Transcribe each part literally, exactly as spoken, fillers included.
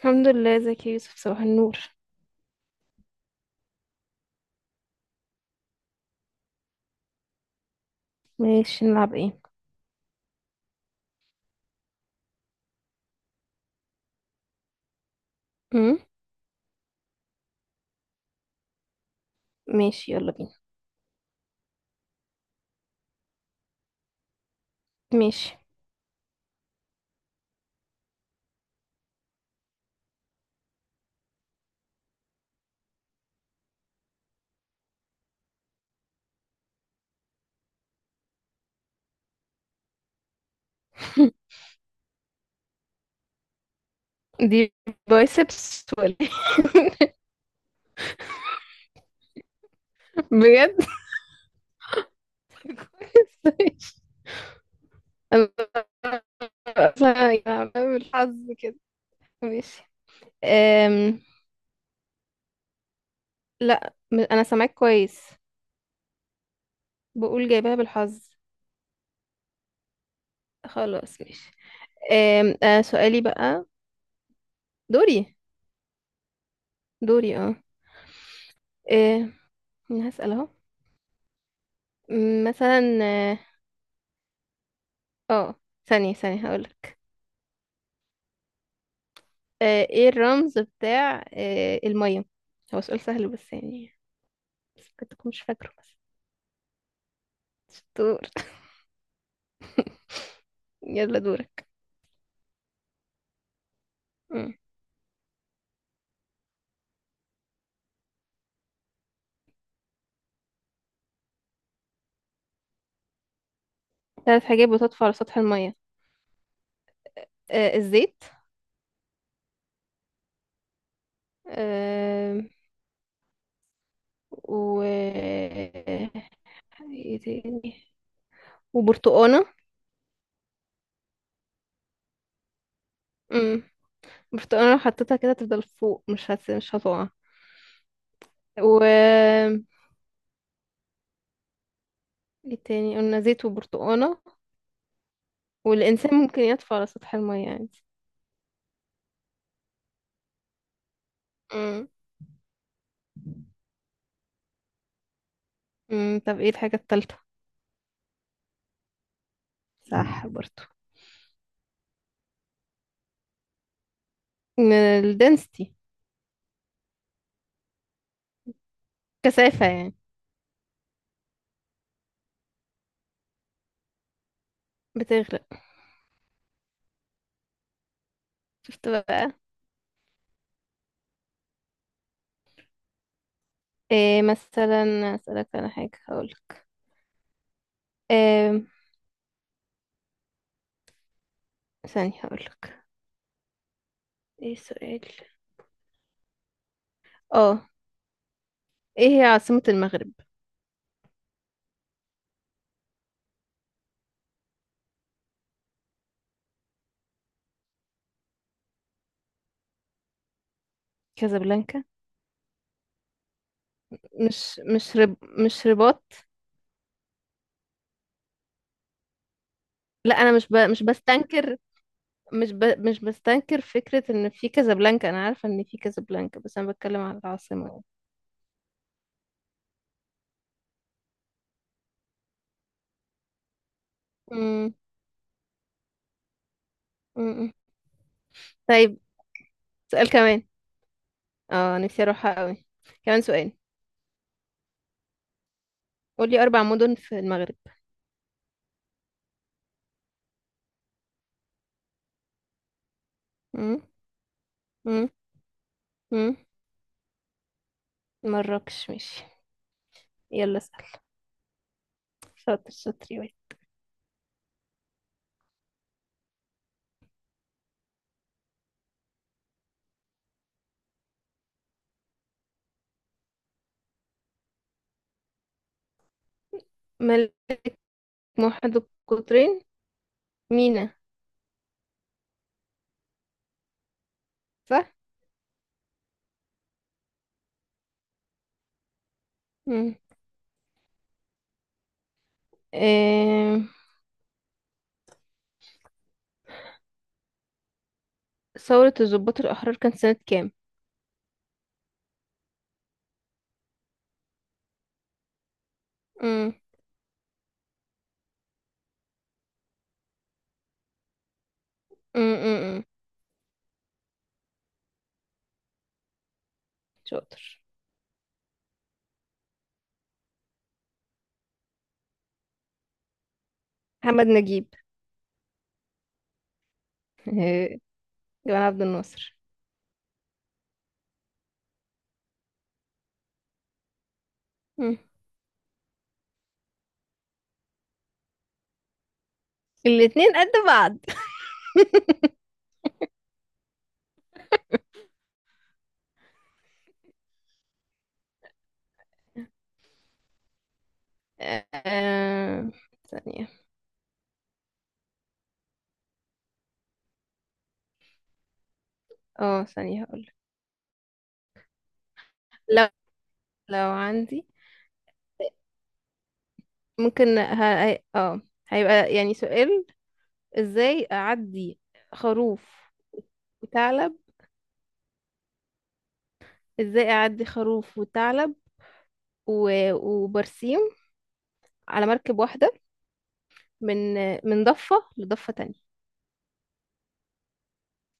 الحمد لله، ازيك يا يوسف؟ صباح النور. ماشي، نلعب ايه؟ امم ماشي، يلا بينا. ماشي. دي بايسبس ولا إيه؟ بجد. كويس، ماشي. انا أصلاً يعني بالحظ كده. ماشي. أم... لا، م- انا سامعك كويس. بقول جايبها بالحظ. خلاص، ماشي. أم... آه سؤالي بقى. دوري. دوري. اه أم... أنا هسأل اهو. أم، مثلا، اه آه، ثانية ثانية هقولك. آه، ايه الرمز بتاع آه، المية؟ هو سؤال سهل بس يعني. بس ممكن تكون مش فاكره بس. شطور. يلا دورك. مم. ثلاث حاجات بتطفو على سطح المية. آه، الزيت. آه، و ايه تاني؟ وبرتقانة. مم. برتقانة لو حطيتها كده تفضل فوق، مش هت... مش هتقع. و ايه تاني؟ قلنا زيت وبرتقانة. والإنسان ممكن يطفو على سطح المية عادي. مم. مم. طب ايه الحاجة التالتة؟ صح برضو. من الدنسيتي. كثافة يعني. بتغرق. شفت بقى. إيه مثلا؟ أسألك على حاجة، هقولك إيه. ثانية هقولك ايه السؤال. اه ايه هي عاصمة المغرب؟ كازابلانكا. مش مش رب مش رباط. لا، انا مش ب... مش بستنكر مش ب... مش بستنكر فكرة ان في كازابلانكا، انا عارفة ان في كازابلانكا، بس انا بتكلم على العاصمة. مم. مم. طيب، سؤال كمان. اه نفسي اروحها قوي. كمان سؤال. قولي اربع مدن في المغرب. مم. مم. مم. مراكش، ماشي. يلا اسأل. شاطر شاطر يا واد. ملك موحد القطرين. مينا. صح؟ مم. آه... ثورة الضباط الأحرار كانت سنة كام؟ مم. مم. مم. مم. شاطر. محمد نجيب. آه، جمال عبد الناصر. مم. الاتنين قد بعض. آه... ثانية. اه ثانية هقول. لو لو عندي، ممكن ه... اه هيبقى يعني سؤال. ازاي أعدي خروف وثعلب؟ ازاي اعدي خروف وثعلب و- وبرسيم على مركب واحدة من من ضفة لضفة تانية؟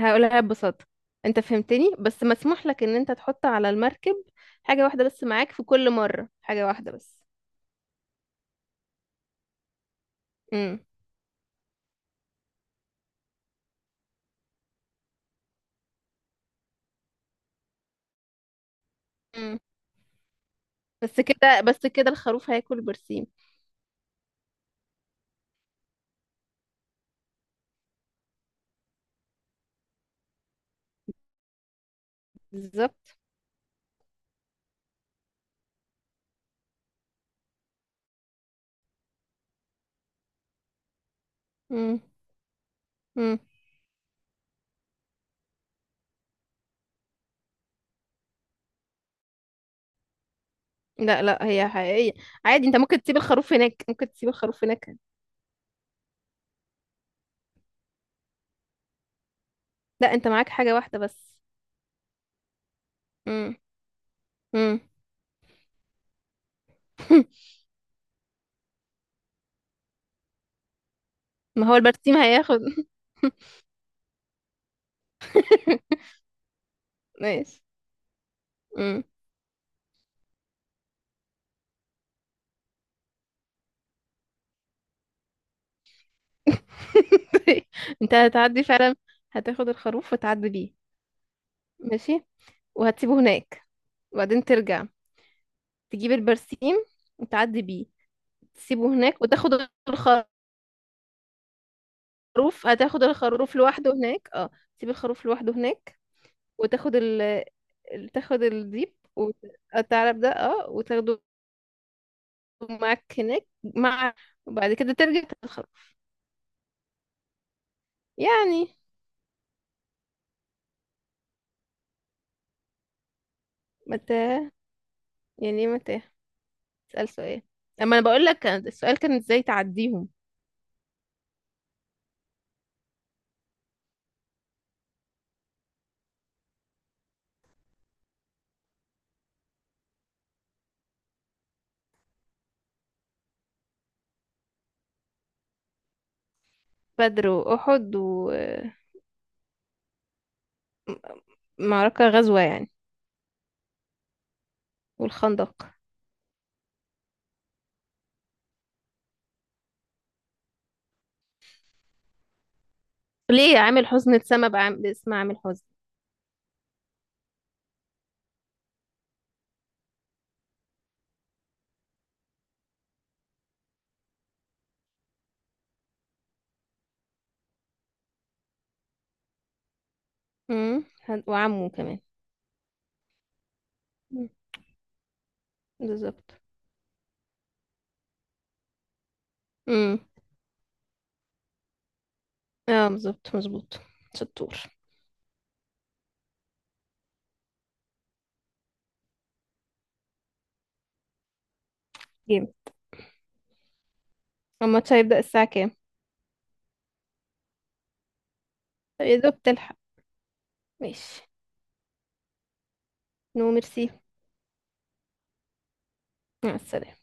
هقولها ببساطة. انت فهمتني، بس مسموح لك ان انت تحط على المركب حاجة واحدة بس معاك في كل مرة، حاجة واحدة بس. امم امم بس كده، بس كده الخروف هياكل برسيم. بالظبط. امم امم لا لا، هي حقيقية. عادي، انت ممكن تسيب الخروف هناك، ممكن تسيب الخروف هناك. لا، انت معاك حاجة واحدة بس. امم امم ما هو البرسيم هياخد. ماشي. مم. طيب، انت هتعدي فعلا. هتاخد الخروف وتعدي بيه. ماشي. وهتسيبه هناك. وبعدين ترجع، تجيب البرسيم، وتعدي بيه. تسيبه هناك وتاخد الخروف. هتاخد الخروف لوحده هناك. اه تسيب الخروف لوحده هناك وتاخد ال ال- تاخد الديب والثعلب ده اه وتاخده معاك هناك مع وبعد كده ترجع تاخد الخروف. يعني متى؟ يعني متى؟ اسأل سؤال. اما انا بقول لك كان- السؤال كان ازاي تعديهم. بدر واحد ومعركة. غزوة يعني. والخندق. ليه عامل حزن اتسمى بعام... باسم عامل حزن؟ امم هن- وعمه كمان. مم. بالظبط. امم اه، بالظبط مظبوط. شطور. جيم. الماتش هيبدأ الساعة كام؟ طب يا دوب تلحق. ماشي. نو ميرسي. مع السلامة.